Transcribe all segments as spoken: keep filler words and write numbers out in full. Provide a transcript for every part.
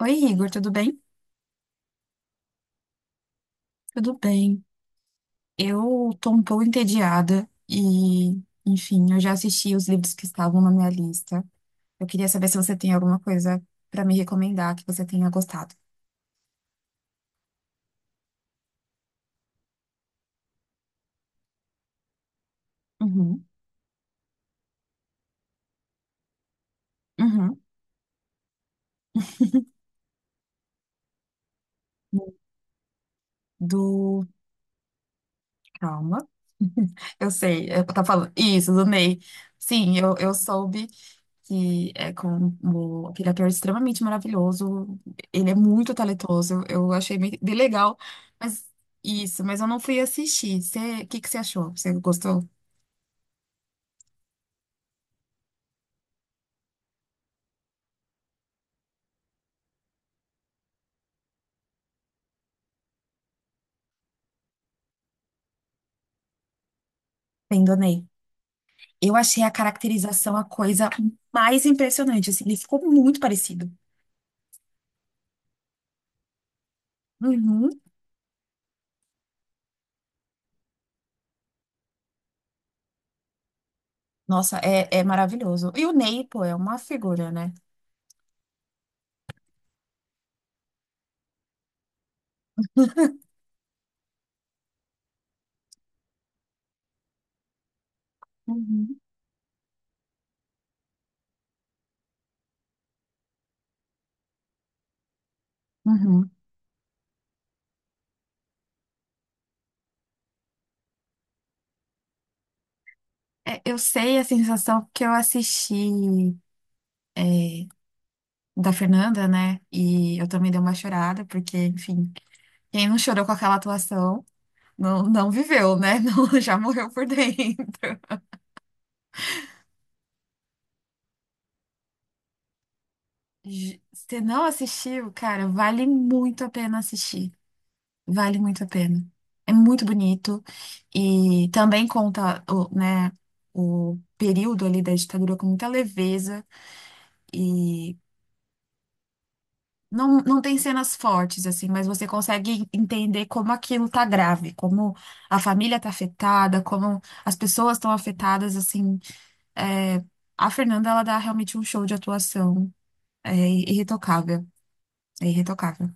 Oi, Igor, tudo bem? Tudo bem. Eu tô um pouco entediada e, enfim, eu já assisti os livros que estavam na minha lista. Eu queria saber se você tem alguma coisa pra me recomendar que você tenha gostado. Uhum, uhum. Do, calma. Eu sei, eu tá falando. Isso, do Ney. Sim, eu, eu soube que é com o, aquele ator extremamente maravilhoso. Ele é muito talentoso. Eu achei bem, bem legal. Mas isso, mas eu não fui assistir. O que que você achou? Você gostou? Bem, do Ney. Eu achei a caracterização a coisa mais impressionante. Assim, ele ficou muito parecido. Uhum. Nossa, é, é maravilhoso. E o Ney, pô, é uma figura, né? Uhum. Uhum. É, eu sei a sensação porque eu assisti. É, da Fernanda, né? E eu também dei uma chorada, porque, enfim, quem não chorou com aquela atuação não, não viveu, né? Não, já morreu por dentro. J- Se não assistiu, cara, vale muito a pena assistir. Vale muito a pena. É muito bonito e também conta o, né, o período ali da ditadura com muita leveza e. Não, não tem cenas fortes, assim, mas você consegue entender como aquilo tá grave, como a família tá afetada, como as pessoas estão afetadas, assim. É, a Fernanda, ela dá realmente um show de atuação. É irretocável. É irretocável.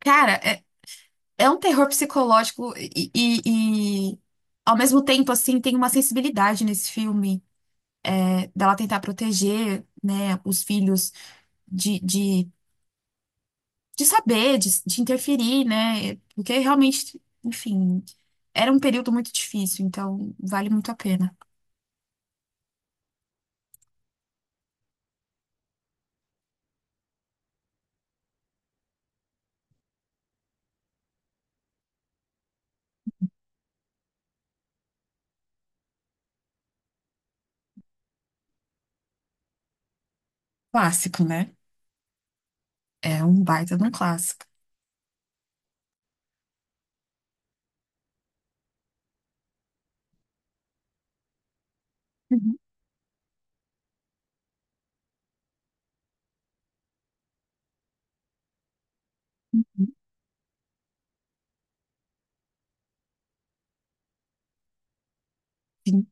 Cara, é, é um terror psicológico e, e, e, ao mesmo tempo, assim, tem uma sensibilidade nesse filme, é, dela tentar proteger, né, os filhos de de de saber, de, de interferir, né? Porque realmente, enfim, era um período muito difícil, então vale muito a pena. Clássico, né? É um baita de um clássico. Uhum, uhum. Sim.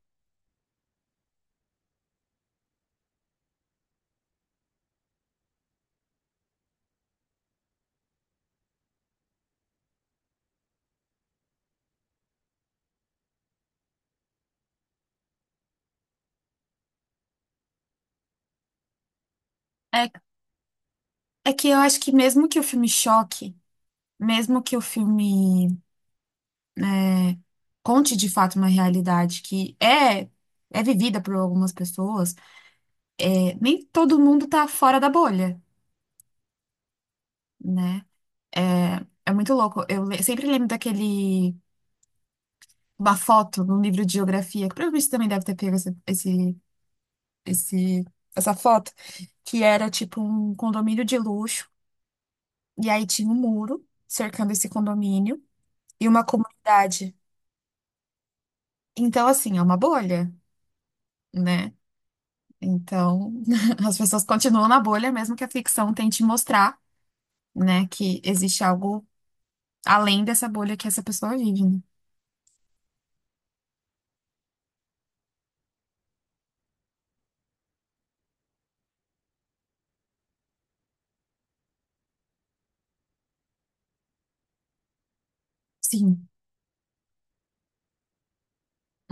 É, é que eu acho que mesmo que o filme choque, mesmo que o filme, né, conte de fato uma realidade que é é vivida por algumas pessoas, é, nem todo mundo tá fora da bolha, né? É, é muito louco. Eu le- sempre lembro daquele, uma foto num livro de geografia, que provavelmente você também deve ter pego esse, esse, esse- essa foto, que era tipo um condomínio de luxo, e aí tinha um muro cercando esse condomínio e uma comunidade. Então, assim, é uma bolha, né? Então, as pessoas continuam na bolha, mesmo que a ficção tente mostrar, né, que existe algo além dessa bolha que essa pessoa vive, né? Sim.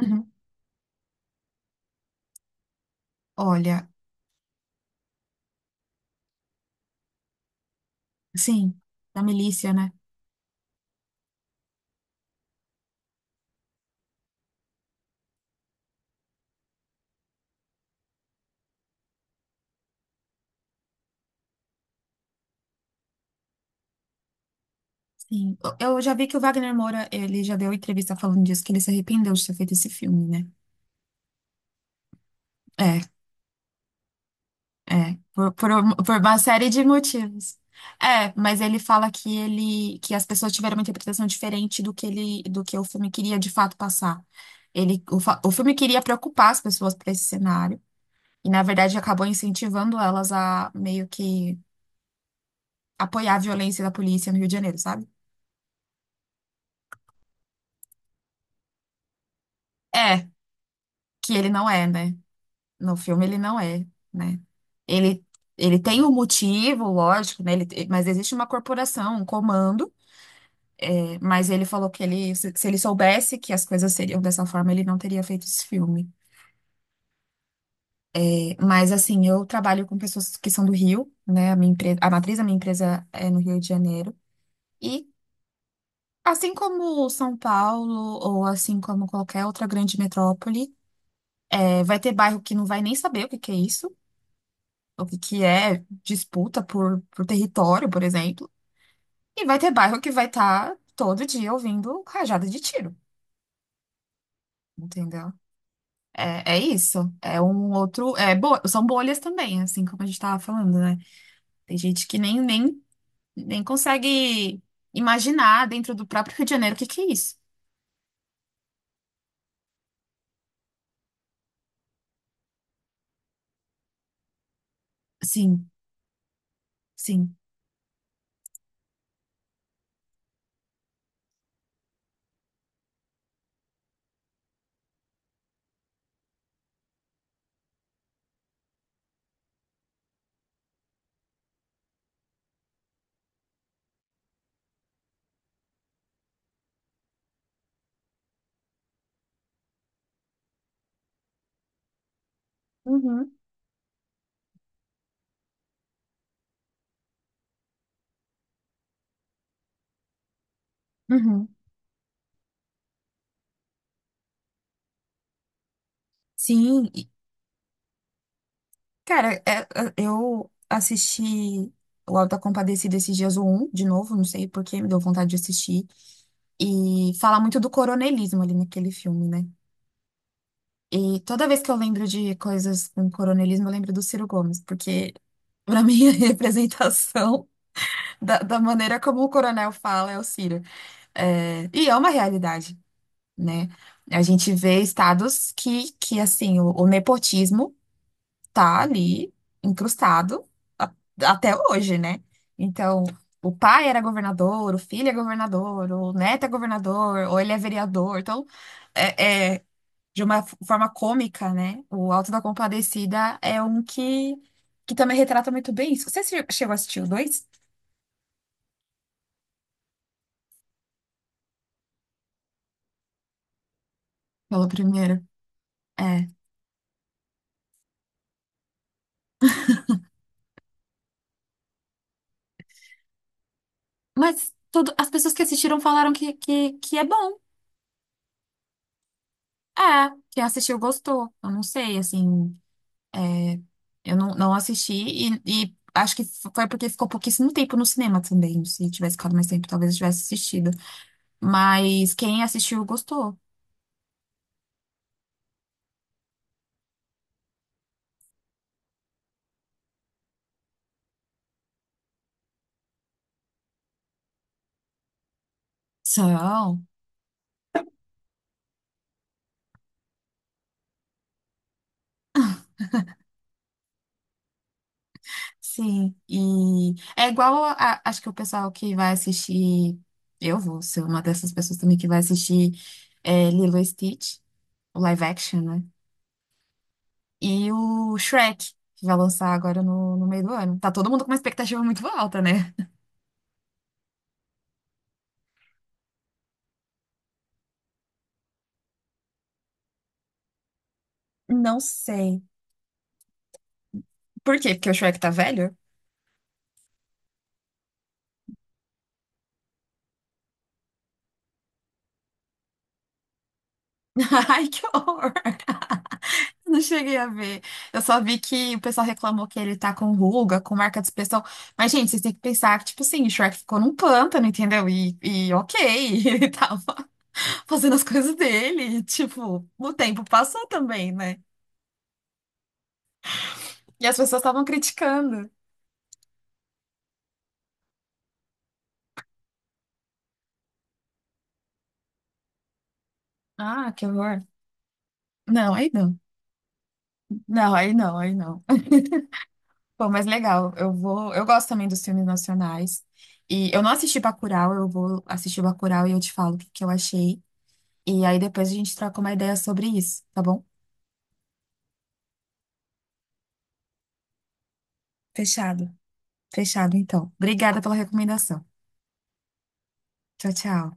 Uhum. Olha, sim, da milícia, né? Sim. Eu já vi que o Wagner Moura, ele já deu entrevista falando disso, que ele se arrependeu de ter feito esse filme, né? É, é. Por, por, um- por uma série de motivos. É, mas ele fala que ele, que as pessoas tiveram uma interpretação diferente do que ele, do que o filme queria de fato passar. Ele, o, fa- o filme queria preocupar as pessoas para esse cenário, e na verdade acabou incentivando elas a meio que apoiar a violência da polícia no Rio de Janeiro, sabe? É, que ele não é, né? No filme ele não é, né? Ele, ele tem um motivo, lógico, né? Ele, mas existe uma corporação, um comando, é, mas ele falou que ele, se se ele soubesse que as coisas seriam dessa forma, ele não teria feito esse filme. É. Mas assim, eu trabalho com pessoas que são do Rio, né? A minha empresa, a matriz da minha empresa é no Rio de Janeiro. E assim como São Paulo, ou assim como qualquer outra grande metrópole, é, vai ter bairro que não vai nem saber o que que é isso. O que que é disputa por, por território, por exemplo. E vai ter bairro que vai estar todo dia ouvindo rajada de tiro, entendeu? É, é isso. É um outro. É, bo- são bolhas também, assim como a gente estava falando, né? Tem gente que nem, nem, nem consegue imaginar dentro do próprio Rio de Janeiro o que que é isso. Sim, sim. Uhum. Uhum. Sim. E, cara, é- é- eu assisti o Auto da Compadecida esses dias, o um de novo, não sei por que, me deu vontade de assistir. E fala muito do coronelismo ali naquele filme, né? E toda vez que eu lembro de coisas com coronelismo, eu lembro do Ciro Gomes, porque para mim a representação da, da maneira como o coronel fala é o Ciro. É, e é uma realidade, né? A gente vê estados que, que assim, o, o nepotismo tá ali incrustado a- até hoje, né? Então, o pai era governador, o filho é governador, o neto é governador, ou ele é vereador. Então, é, é de uma f- forma cômica, né? O Alto da Compadecida é um que, que também retrata muito bem isso. Você che- chegou a assistir o dois? Pelo primeiro. É. Mas tudo, as pessoas que assistiram falaram que, que, que é bom. É, quem assistiu gostou. Eu não sei, assim. É, eu não, não assisti e, e acho que foi porque ficou pouquíssimo tempo no cinema também. Se tivesse ficado mais tempo, talvez eu tivesse assistido. Mas quem assistiu gostou. São. Sim, e é igual a- acho que o pessoal que vai assistir, eu vou ser uma dessas pessoas também que vai assistir, é, Lilo e Stitch, o live action, né? E o Shrek, que vai lançar agora no, no meio do ano. Tá todo mundo com uma expectativa muito alta, né? Não sei. Por quê? Porque o Shrek tá velho? Ai, que horror! Não cheguei a ver. Eu só vi que o pessoal reclamou que ele tá com ruga, com marca de expressão. Mas, gente, vocês têm que pensar que, tipo assim, o Shrek ficou num pântano, entendeu? E, e ok, ele tava fazendo as coisas dele. E, tipo, o tempo passou também, né? E as pessoas estavam criticando. Ah, que horror. Não, aí não. Não, aí não, aí não. Bom, mas legal, eu vou. Eu gosto também dos filmes nacionais. E eu não assisti Bacurau, eu vou assistir Bacurau e eu te falo o que que eu achei. E aí depois a gente troca uma ideia sobre isso, tá bom? Fechado. Fechado, então. Obrigada pela recomendação. Tchau, tchau.